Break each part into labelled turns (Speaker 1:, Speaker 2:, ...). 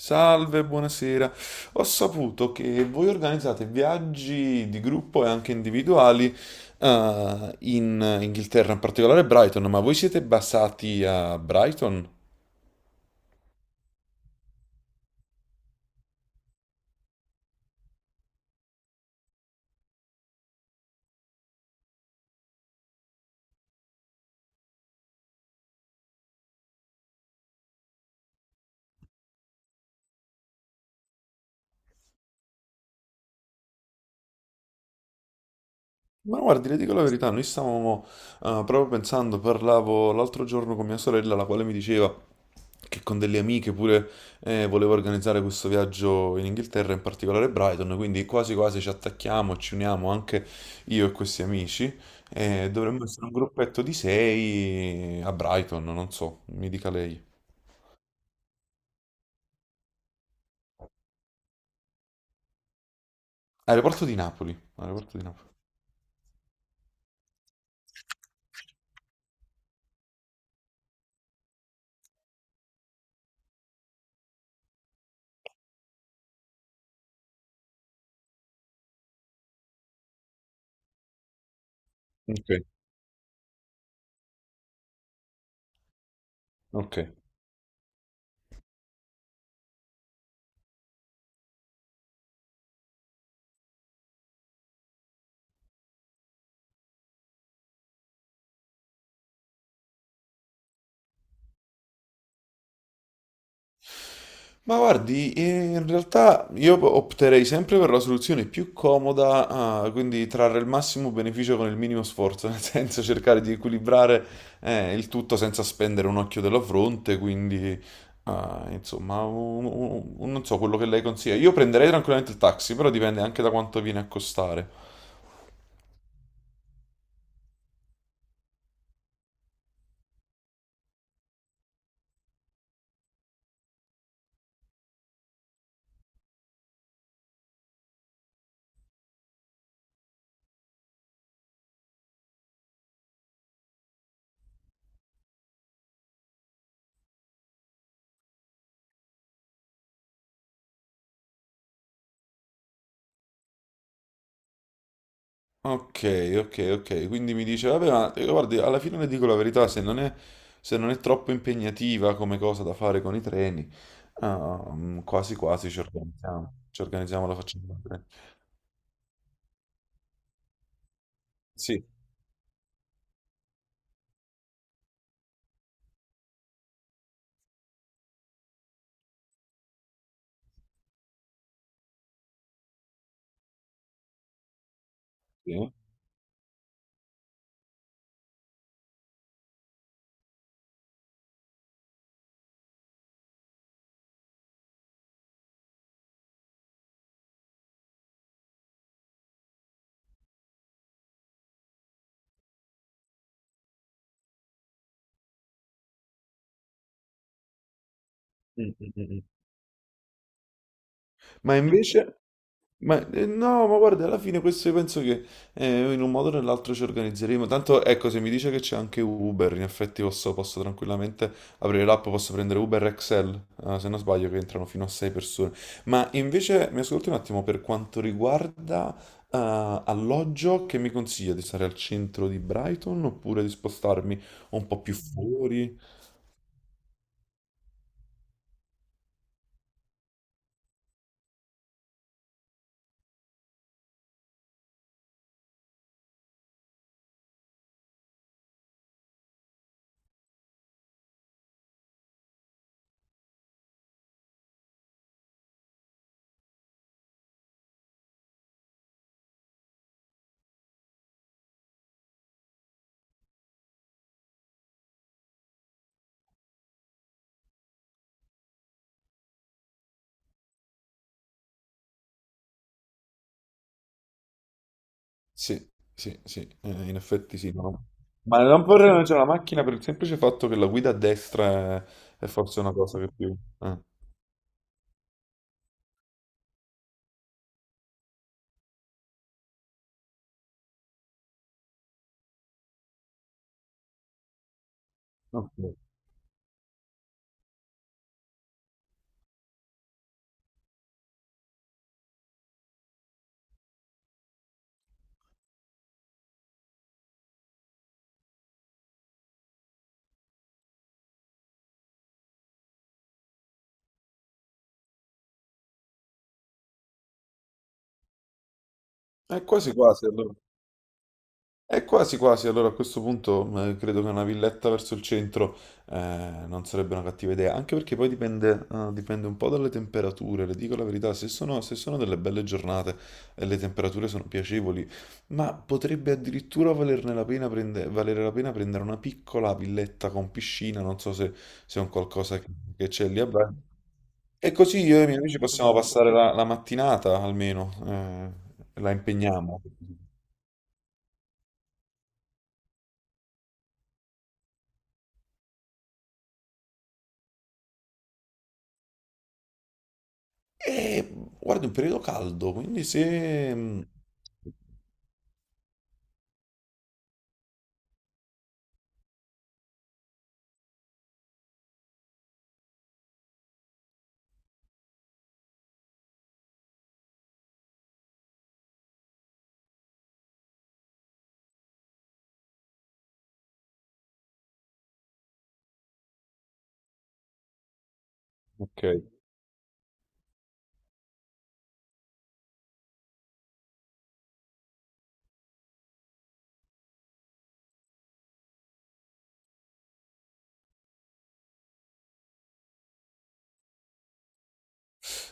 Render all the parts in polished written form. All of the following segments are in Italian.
Speaker 1: Salve, buonasera. Ho saputo che voi organizzate viaggi di gruppo e anche individuali, in Inghilterra, in particolare Brighton, ma voi siete basati a Brighton? Ma guardi, le dico la verità, noi stavamo proprio pensando, parlavo l'altro giorno con mia sorella, la quale mi diceva che con delle amiche pure voleva organizzare questo viaggio in Inghilterra, in particolare Brighton, quindi quasi quasi ci attacchiamo, ci uniamo anche io e questi amici, e dovremmo essere un gruppetto di sei a Brighton, non so, mi dica lei. Aeroporto di Napoli, aeroporto di Napoli. Ok, ok. Ma guardi, in realtà io opterei sempre per la soluzione più comoda, ah, quindi trarre il massimo beneficio con il minimo sforzo, nel senso cercare di equilibrare il tutto senza spendere un occhio della fronte, quindi ah, insomma, non so quello che lei consiglia. Io prenderei tranquillamente il taxi, però dipende anche da quanto viene a costare. Ok, ok, ok. Quindi mi dice, vabbè, ma guardi, alla fine le dico la verità, se non è troppo impegnativa come cosa da fare con i treni, ah, mm, quasi quasi ci organizziamo, la facciamo con i treni. Sì, sì. Mm, mm, mm, mm. Ma invece, Ma no, ma guarda, alla fine questo io penso che in un modo o nell'altro ci organizzeremo. Tanto ecco, se mi dice che c'è anche Uber, in effetti posso tranquillamente aprire l'app, posso prendere Uber Excel, se non sbaglio, che entrano fino a 6 persone. Ma invece mi ascolti un attimo per quanto riguarda alloggio, che mi consiglia di stare al centro di Brighton oppure di spostarmi un po' più fuori? Sì, sì, in effetti sì. No. Ma non vorrei, non c'è una macchina per il semplice fatto che la guida a destra è forse una cosa che più... eh, ok. Quasi quasi, allora. A questo punto credo che una villetta verso il centro non sarebbe una cattiva idea, anche perché poi dipende, dipende un po' dalle temperature, le dico la verità, se sono delle belle giornate e le temperature sono piacevoli, ma potrebbe addirittura valerne la pena prende- valere la pena prendere una piccola villetta con piscina, non so se, se è un qualcosa che c'è lì a Bari. E così io e i miei amici possiamo passare la, la mattinata almeno, la impegniamo. E guarda, è un periodo caldo, quindi se... Ok.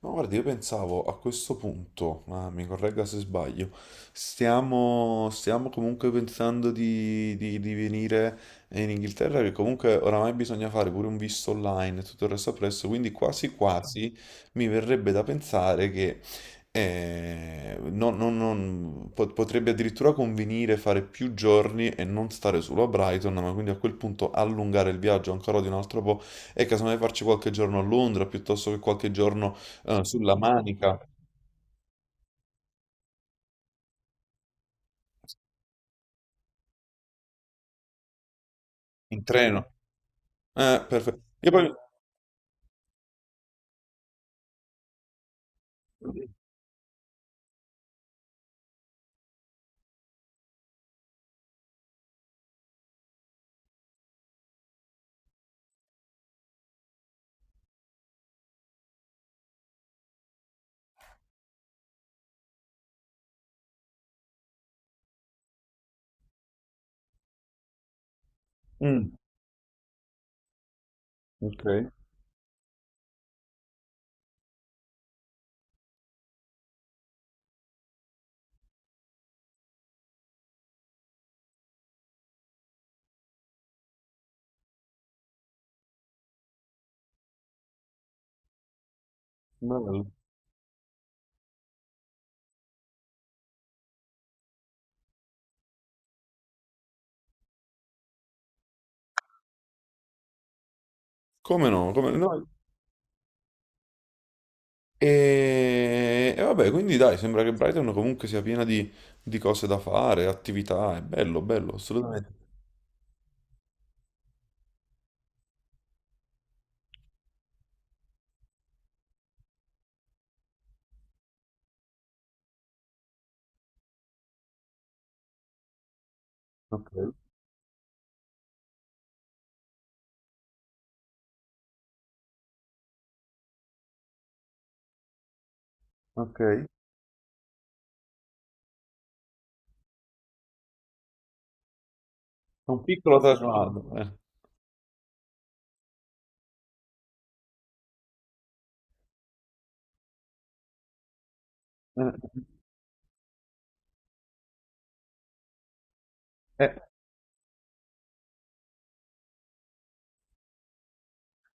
Speaker 1: Ma guarda, io pensavo a questo punto, ma mi corregga se sbaglio, stiamo comunque pensando di, di venire in Inghilterra, che comunque oramai bisogna fare pure un visto online e tutto il resto appresso, quindi quasi quasi mi verrebbe da pensare che potrebbe addirittura convenire fare più giorni e non stare solo a Brighton, ma quindi a quel punto allungare il viaggio ancora di un altro po' e casomai farci qualche giorno a Londra piuttosto che qualche giorno sulla Manica, in treno. Perfetto. Io poi... Mm, ok, bello. Come no, come no. E vabbè, quindi dai, sembra che Brighton comunque sia piena di cose da fare, attività, è bello, bello, assolutamente. Ok, ok. Un piccolo traguardo. Eh, eh.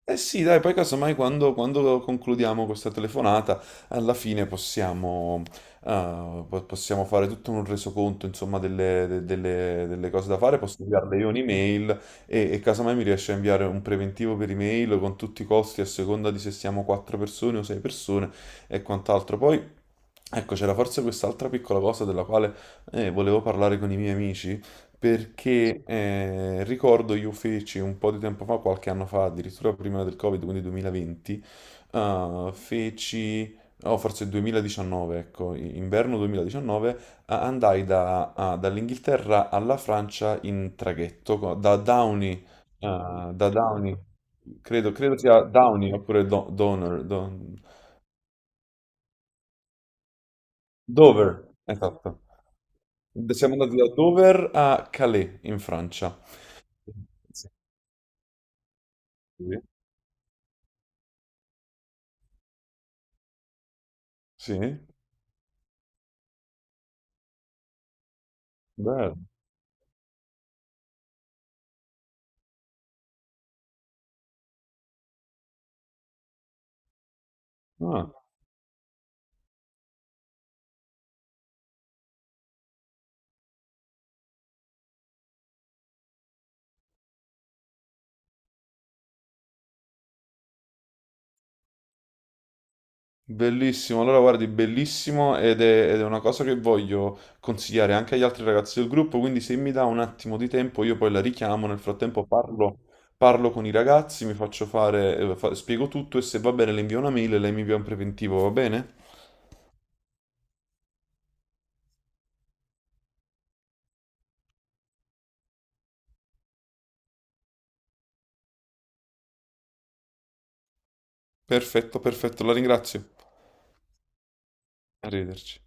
Speaker 1: Eh sì, dai, poi casomai quando, quando concludiamo questa telefonata, alla fine possiamo, possiamo fare tutto un resoconto, insomma, delle cose da fare, posso inviarle io un'email e casomai mi riesce a inviare un preventivo per email con tutti i costi a seconda di se siamo quattro persone o sei persone e quant'altro. Poi, ecco, c'era forse quest'altra piccola cosa della quale volevo parlare con i miei amici. Perché ricordo io feci un po' di tempo fa, qualche anno fa, addirittura prima del Covid, quindi 2020, eh, feci, o forse 2019, ecco, inverno 2019, andai dall'Inghilterra alla Francia in traghetto, da Downey, credo sia Downey oppure Donor, Don- Dover, esatto. Siamo andati da Dover a Calais in Francia. Sì, sì, bello. Ah, bellissimo, allora guardi, bellissimo ed è una cosa che voglio consigliare anche agli altri ragazzi del gruppo, quindi se mi dà un attimo di tempo io poi la richiamo, nel frattempo parlo, parlo con i ragazzi, mi faccio fare, spiego tutto e se va bene le invio una mail e lei mi invia un preventivo, va bene? Perfetto, perfetto, la ringrazio. Arrivederci.